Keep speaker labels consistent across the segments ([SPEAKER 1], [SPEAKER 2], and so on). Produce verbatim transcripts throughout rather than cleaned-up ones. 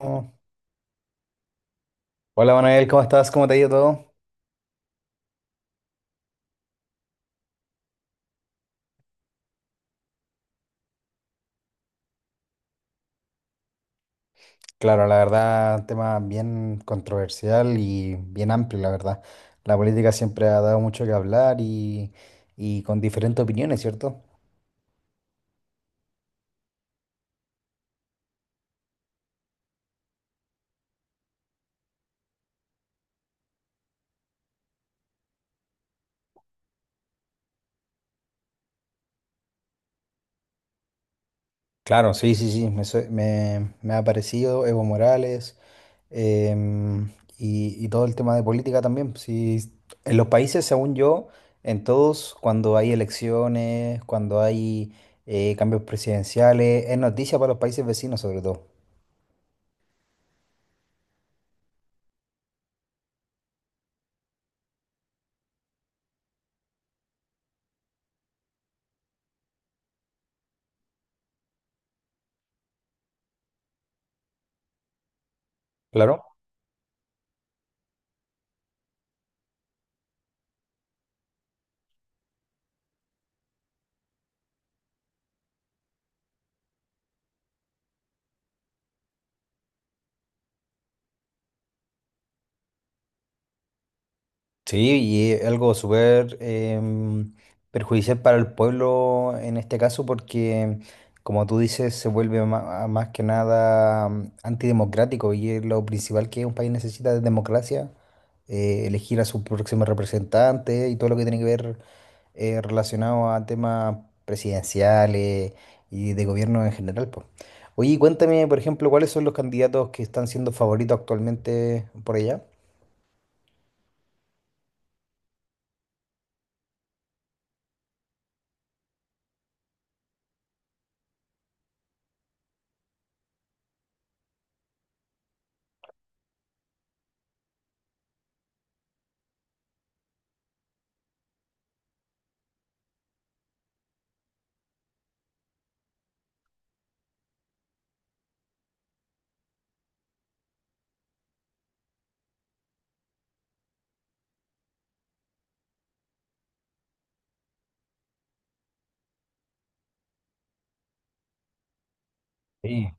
[SPEAKER 1] Oh, hola Manuel, ¿cómo estás? ¿Cómo te ha ido todo? Claro, la verdad, tema bien controversial y bien amplio, la verdad. La política siempre ha dado mucho que hablar, y, y con diferentes opiniones, ¿cierto? Claro, sí, sí, sí, me, sue- me, me ha parecido Evo Morales em, y, y todo el tema de política también. Sí, en los países, según yo, en todos, cuando hay elecciones, cuando hay eh, cambios presidenciales, es noticia para los países vecinos sobre todo. Claro. Sí, y es algo súper em, perjudicial para el pueblo en este caso porque, como tú dices, se vuelve ma- más que nada mm, antidemocrático y es lo principal que un país necesita de democracia, eh, elegir a su próximo representante y todo lo que tiene que ver eh, relacionado a temas presidenciales y de gobierno en general, po. Oye, y cuéntame, por ejemplo, ¿cuáles son los candidatos que están siendo favoritos actualmente por allá? Sí.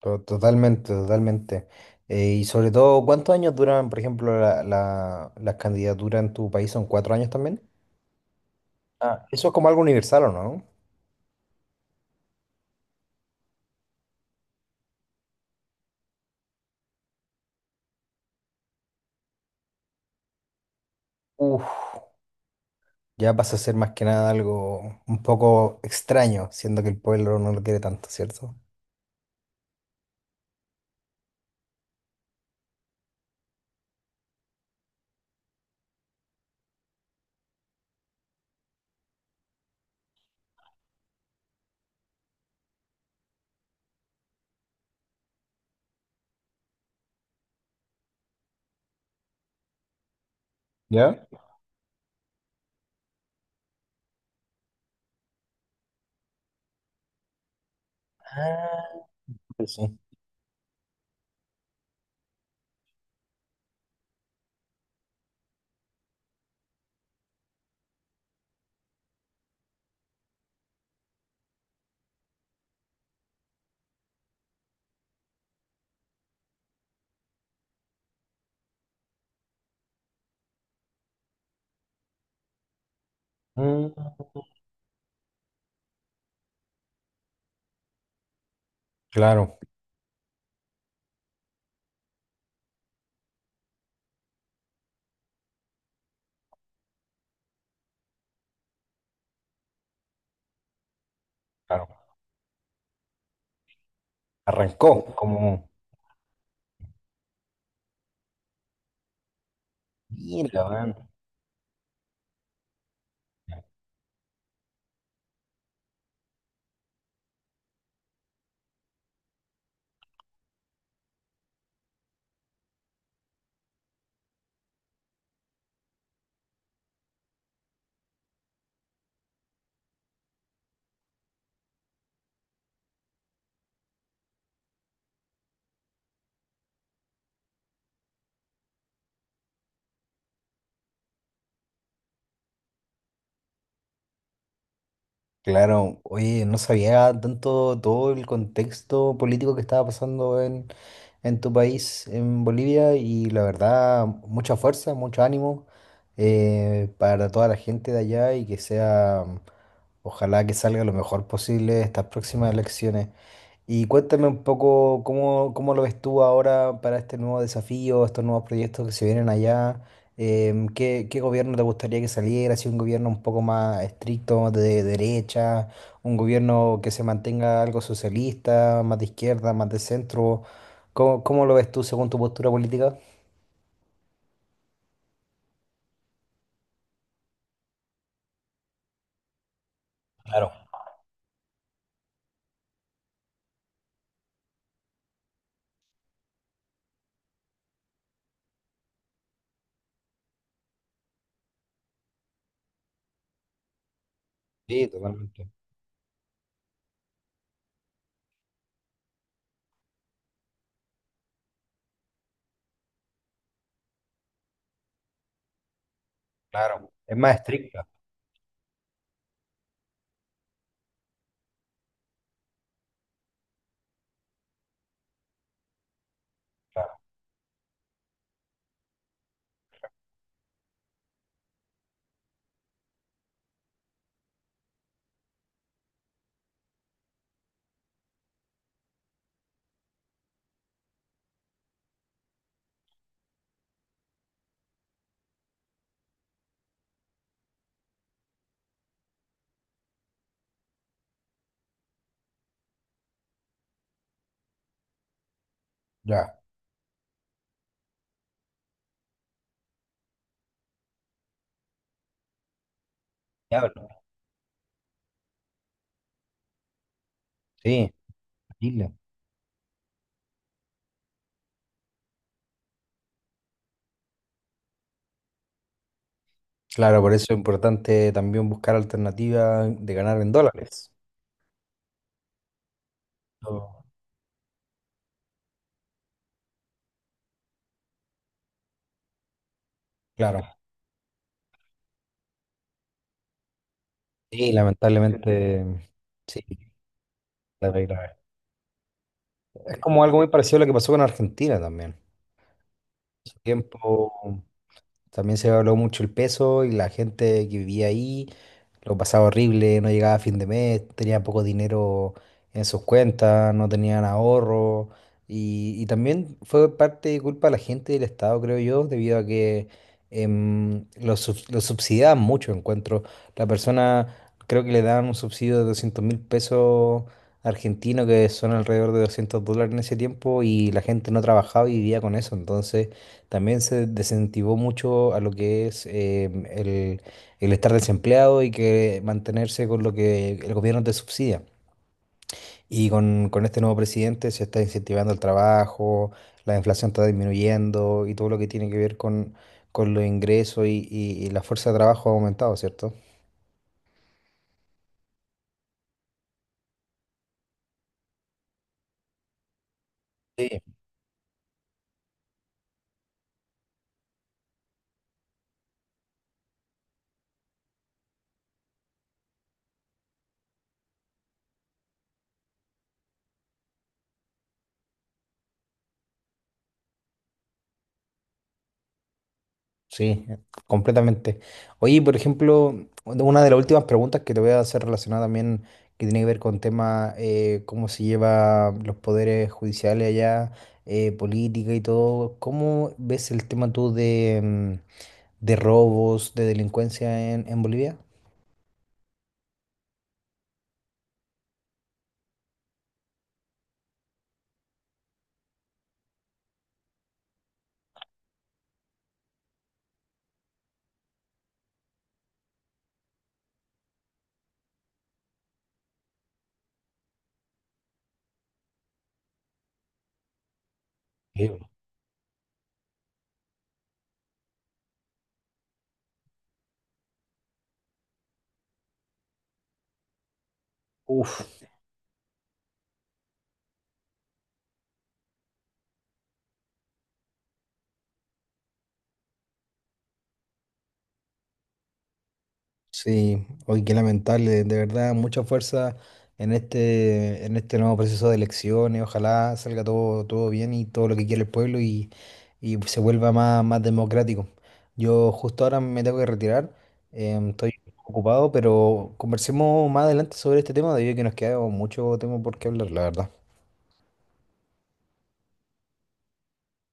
[SPEAKER 1] To- Totalmente, totalmente. Eh, y sobre todo, ¿cuántos años duran, por ejemplo, la, la, las candidaturas en tu país? ¿Son cuatro años también? Ah, eso es como algo universal, ¿o no? Uf, ya pasa a ser más que nada algo un poco extraño, siendo que el pueblo no lo quiere tanto, ¿cierto? ¿Ya? Ah, pues sí. Mm, claro, claro. Arrancó como. Mira, weón. Claro, oye, no sabía tanto todo el contexto político que estaba pasando en, en, tu país, en Bolivia, y la verdad, mucha fuerza, mucho ánimo, eh, para toda la gente de allá y que sea, ojalá que salga lo mejor posible estas próximas elecciones. Y cuéntame un poco cómo, cómo, lo ves tú ahora para este nuevo desafío, estos nuevos proyectos que se vienen allá. Em, ¿qué, qué gobierno te gustaría que saliera? Si un gobierno un poco más estricto, de derecha, un gobierno que se mantenga algo socialista, más de izquierda, más de centro. ¿Cómo, cómo lo ves tú según tu postura política? Claro, sí, totalmente. Claro, es más estricta, claro. Ya, diablo. Sí, terrible. Claro, por eso es importante también buscar alternativas de ganar en dólares. Lo- Claro, sí, lamentablemente, mm, sí, la verdad grave. Es como algo muy parecido a lo que pasó con Argentina también. En su tiempo, también se evaluó mucho el peso y la gente que vivía ahí lo pasaba horrible, no llegaba a fin de mes, tenía poco dinero en sus cuentas, no tenían ahorro. Y, y también fue parte de culpa de la gente del Estado, creo yo, debido a que em, lo, sub- lo subsidiaban mucho, encuentro. La persona, creo que le daban un subsidio de doscientos mil pesos argentinos, que son alrededor de doscientos dólares en ese tiempo, y la gente no trabajaba y vivía con eso. Entonces también se desincentivó mucho a lo que es em, el, el estar desempleado y que mantenerse con lo que el gobierno te subsidia. Y con, con, este nuevo presidente se está incentivando el trabajo, la inflación está disminuyendo y todo lo que tiene que ver con, con los ingresos y, y- y la fuerza de trabajo ha aumentado, ¿cierto? Sí. Sí, completamente. Oye, por ejemplo, bueno, una de las últimas preguntas que te voy a hacer relacionada también, que tiene que ver con tema, eh, cómo se lleva los poderes judiciales allá, eh, política y todo. ¿Cómo ves el tema tú de, mm, de robos, de delincuencia en, en, Bolivia? Sí. Uf. Sí, hoy qué lamentable, de verdad, mucha fuerza en este, en este nuevo proceso de elecciones. Ojalá salga todo, todo bien y todo lo que quiere el pueblo, y, y se vuelva más, más democrático. Yo justo ahora me tengo que retirar, em, estoy ocupado, pero conversemos más adelante sobre este tema, debido a que nos queda mucho tema por qué hablar, la verdad.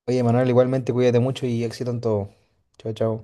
[SPEAKER 1] Oye, Manuel, igualmente cuídate mucho y éxito en todo. Chao, chao.